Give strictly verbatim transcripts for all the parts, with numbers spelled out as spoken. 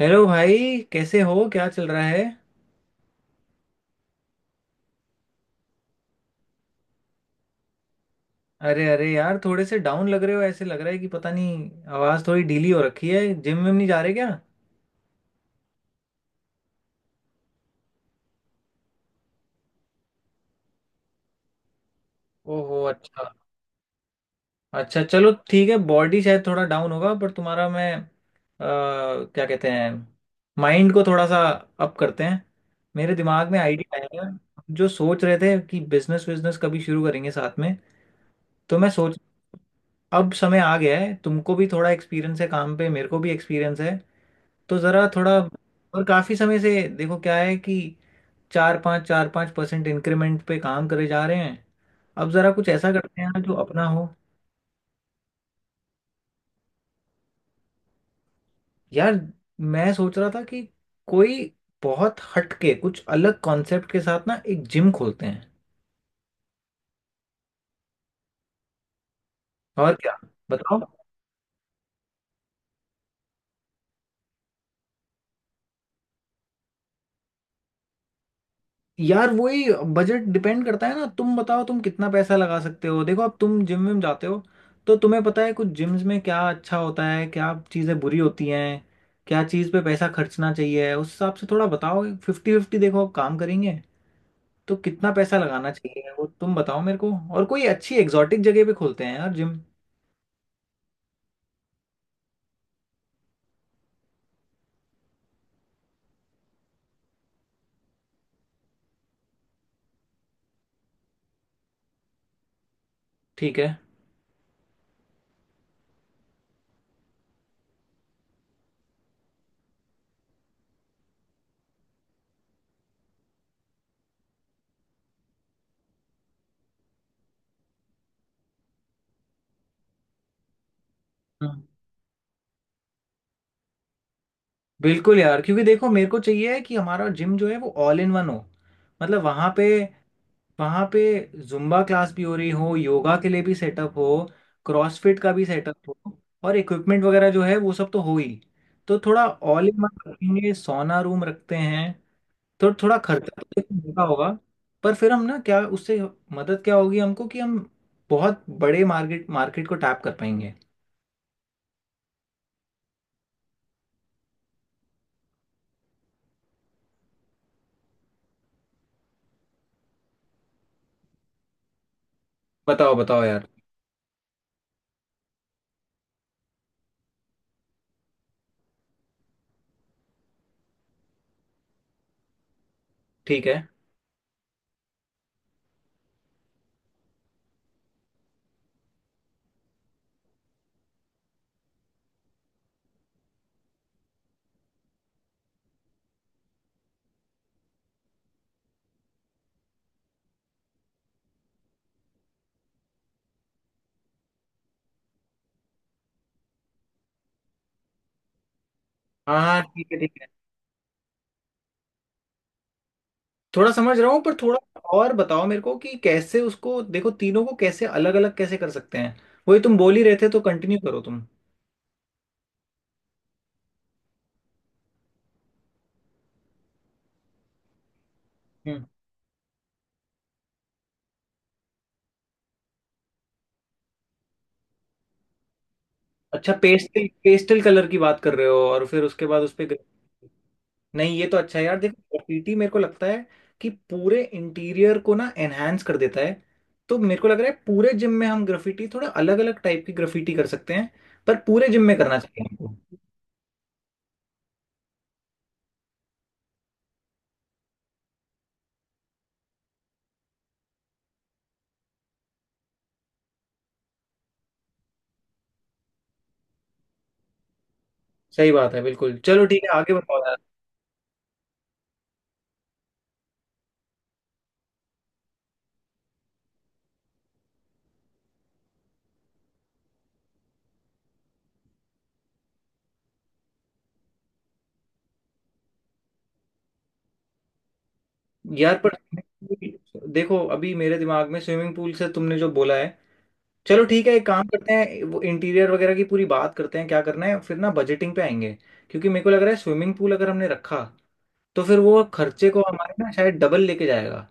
Hello भाई। कैसे हो, क्या चल रहा है? अरे अरे यार, थोड़े से डाउन लग रहे हो। ऐसे लग रहा है कि पता नहीं, आवाज़ थोड़ी ढीली हो रखी है। जिम में नहीं जा रहे क्या? ओहो, अच्छा। अच्छा चलो, ठीक है। बॉडी शायद थोड़ा डाउन होगा, पर तुम्हारा मैं अ, क्या कहते हैं, माइंड को थोड़ा सा अप करते हैं। मेरे दिमाग में आइडिया आया। जो सोच रहे थे कि बिजनेस विजनेस कभी शुरू करेंगे साथ में, तो मैं सोच, अब समय आ गया है। तुमको भी थोड़ा एक्सपीरियंस है काम पे, मेरे को भी एक्सपीरियंस है, तो जरा थोड़ा। और काफी समय से देखो क्या है कि चार पाँच चार पाँच परसेंट इंक्रीमेंट पे काम करे जा रहे हैं। अब जरा कुछ ऐसा करते हैं ना जो अपना हो। यार, मैं सोच रहा था कि कोई बहुत हटके कुछ अलग कॉन्सेप्ट के साथ ना एक जिम खोलते हैं। और क्या, बताओ। यार वही, बजट डिपेंड करता है ना। तुम बताओ तुम कितना पैसा लगा सकते हो। देखो, अब तुम जिम में जाते हो तो तुम्हें पता है कुछ जिम्स में क्या अच्छा होता है, क्या चीज़ें बुरी होती हैं, क्या चीज़ पे पैसा खर्चना चाहिए। उस हिसाब से थोड़ा बताओ। फिफ्टी फिफ्टी देखो, अब काम करेंगे तो कितना पैसा लगाना चाहिए वो तुम बताओ मेरे को। और कोई अच्छी एग्जॉटिक जगह पे खोलते हैं यार जिम। ठीक है। हम्म, बिल्कुल यार, क्योंकि देखो मेरे को चाहिए है कि हमारा जिम जो है वो ऑल इन वन हो। मतलब वहाँ पे वहाँ पे जुम्बा क्लास भी हो रही हो, योगा के लिए भी सेटअप हो, क्रॉसफिट का भी सेटअप हो, और इक्विपमेंट वगैरह जो है वो सब तो हो ही। तो थोड़ा ऑल इन वन रखेंगे, सोना रूम रखते हैं। तो थोड़ा खर्चा तो देखो महंगा होगा, पर फिर हम ना क्या उससे, मदद क्या होगी हमको कि हम बहुत बड़े मार्केट मार्केट को टैप कर पाएंगे। बताओ बताओ यार। ठीक है। हाँ हाँ, ठीक है ठीक है। थोड़ा समझ रहा हूँ पर थोड़ा और बताओ मेरे को कि कैसे उसको, देखो तीनों को कैसे अलग अलग कैसे कर सकते हैं। वही तुम बोल ही रहे थे तो कंटिन्यू करो तुम। हम्म। अच्छा, पेस्टल पेस्टल कलर की बात कर रहे हो, और फिर उसके बाद उस पे ग्रे-। नहीं, ये तो अच्छा है यार। देखो, ग्राफिटी मेरे को लगता है कि पूरे इंटीरियर को ना एनहेंस कर देता है। तो मेरे को लग रहा है पूरे जिम में हम ग्राफिटी, थोड़ा अलग अलग टाइप की ग्राफिटी कर सकते हैं, पर पूरे जिम में करना चाहिए हमको। सही बात है, बिल्कुल। चलो ठीक है, आगे बताओ। यार पर देखो, अभी मेरे दिमाग में स्विमिंग पूल से तुमने जो बोला है, चलो ठीक है एक काम करते हैं, वो इंटीरियर वगैरह की पूरी बात करते हैं क्या करना है, फिर ना बजटिंग पे आएंगे। क्योंकि मेरे को लग रहा है स्विमिंग पूल अगर हमने रखा, तो फिर वो खर्चे को हमारे ना शायद डबल लेके जाएगा।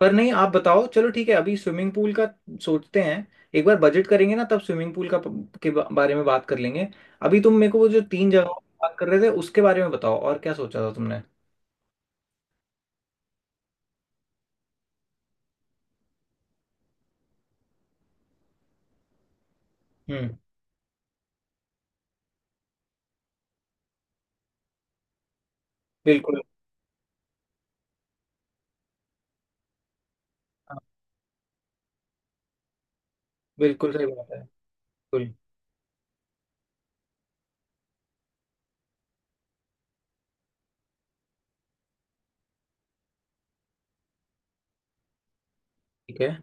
पर नहीं, आप बताओ। चलो ठीक है, अभी स्विमिंग पूल का सोचते हैं। एक बार बजट करेंगे ना, तब स्विमिंग पूल का प- के बा- बारे में बात कर लेंगे। अभी तुम मेरे को वो जो तीन जगहों की बात कर रहे थे उसके बारे में बताओ, और क्या सोचा था तुमने? हम्म। बिल्कुल। हाँ, बिल्कुल सही बात है। बिल्कुल। ठीक है।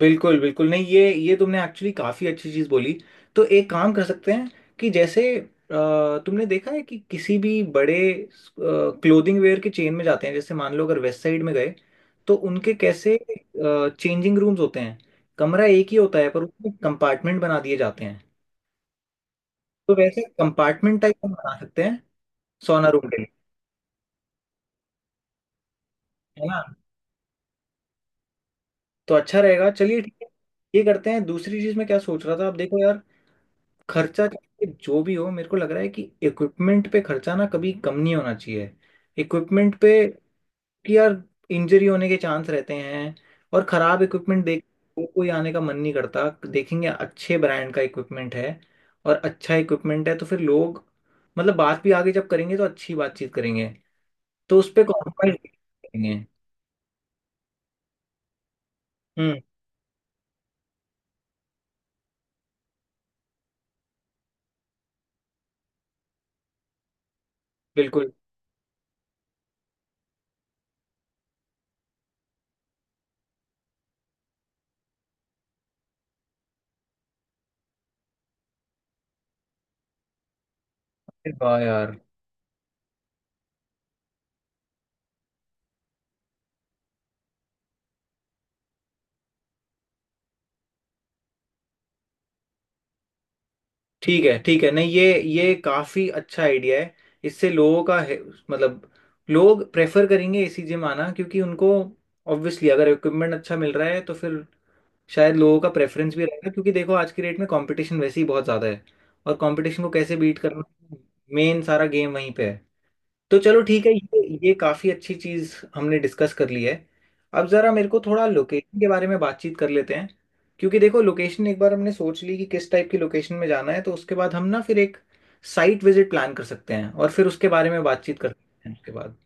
बिल्कुल। बिल्कुल नहीं ये ये तुमने एक्चुअली काफ़ी अच्छी चीज़ बोली। तो एक काम कर सकते हैं कि जैसे, अ, तुमने देखा है कि किसी भी बड़े क्लोथिंग वेयर के चेन में जाते हैं, जैसे मान लो अगर वेस्ट साइड में गए, तो उनके कैसे चेंजिंग रूम्स होते हैं, कमरा एक ही होता है पर उसमें कंपार्टमेंट बना दिए जाते हैं। तो वैसे कंपार्टमेंट टाइप हम बना सकते हैं सोना रूम के लिए। है ना? तो अच्छा रहेगा, चलिए ठीक है। ये करते हैं। दूसरी चीज़ में क्या सोच रहा था, आप देखो यार, खर्चा चाहे जो भी हो, मेरे को लग रहा है कि इक्विपमेंट पे खर्चा ना कभी कम नहीं होना चाहिए। इक्विपमेंट पे कि यार, इंजरी होने के चांस रहते हैं, और खराब इक्विपमेंट देख को- कोई आने का मन नहीं करता। देखेंगे अच्छे ब्रांड का इक्विपमेंट है, और अच्छा इक्विपमेंट है तो फिर लोग, मतलब बात भी आगे जब करेंगे तो अच्छी बातचीत करेंगे। तो उस पर कॉम्प्रोमाइज करेंगे। हम्म, बिल्कुल। अरे वाह यार। ठीक है ठीक है, नहीं ये ये काफी अच्छा आइडिया है। इससे लोगों का है, मतलब लोग प्रेफर करेंगे एसी जिम आना, क्योंकि उनको ऑब्वियसली अगर इक्विपमेंट अच्छा मिल रहा है, तो फिर शायद लोगों का प्रेफरेंस भी रहेगा। क्योंकि देखो आज की डेट में कंपटीशन वैसे ही बहुत ज़्यादा है, और कंपटीशन को कैसे बीट करना, मेन सारा गेम वहीं पे है। तो चलो ठीक है, ये ये काफ़ी अच्छी चीज़ हमने डिस्कस कर ली है। अब ज़रा मेरे को थोड़ा लोकेशन के बारे में बातचीत कर लेते हैं। क्योंकि देखो, लोकेशन एक बार हमने सोच ली कि किस टाइप की लोकेशन में जाना है, तो उसके बाद हम ना फिर एक साइट विजिट प्लान कर सकते हैं, और फिर उसके बारे में बातचीत कर सकते हैं उसके बाद।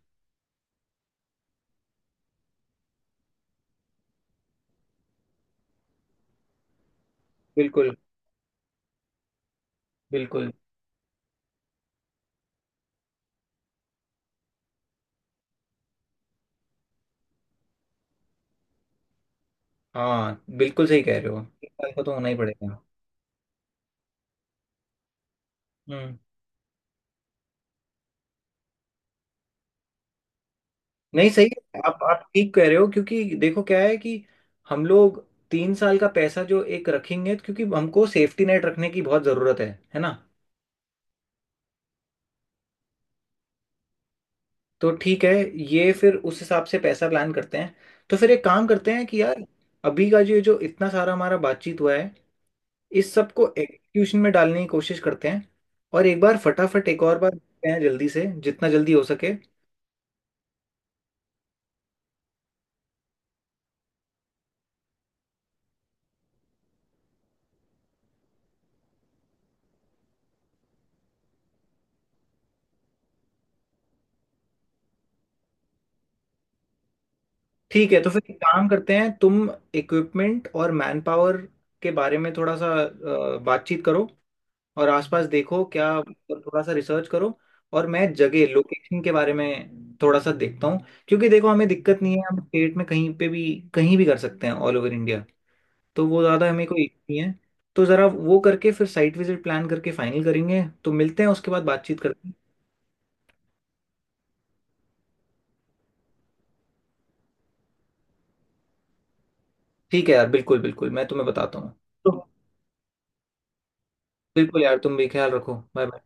बिल्कुल। बिल्कुल। हाँ बिल्कुल सही कह रहे हो, एक साल का तो होना ही पड़ेगा। हम्म। नहीं सही है, आप आप ठीक कह रहे हो। क्योंकि देखो क्या है कि हम लोग तीन साल का पैसा जो एक रखेंगे, तो क्योंकि हमको सेफ्टी नेट रखने की बहुत ज़रूरत है। है ना? तो ठीक है, ये फिर उस हिसाब से पैसा प्लान करते हैं। तो फिर एक काम करते हैं कि यार, अभी का जो जो इतना सारा हमारा बातचीत हुआ है, इस सब को एग्जीक्यूशन में डालने की कोशिश करते हैं, और एक बार फटाफट एक और बार देखते हैं जल्दी से, जितना जल्दी हो सके। ठीक है। तो फिर एक काम करते हैं, तुम इक्विपमेंट और मैन पावर के बारे में थोड़ा सा अ, बातचीत करो, और आसपास देखो, क्या थोड़ा सा रिसर्च करो। और मैं जगह, लोकेशन के बारे में थोड़ा सा देखता हूँ। क्योंकि देखो हमें दिक्कत नहीं है, हम स्टेट में कहीं पे भी, कहीं भी कर सकते हैं, ऑल ओवर इंडिया। तो वो ज़्यादा हमें कोई issue नहीं है। तो ज़रा वो करके फिर साइट विजिट प्लान करके फाइनल करेंगे, तो मिलते हैं उसके बाद बातचीत करते हैं। ठीक है यार, बिल्कुल बिल्कुल, मैं तुम्हें बताता हूँ। तो बिल्कुल यार, तुम भी ख्याल रखो। बाय।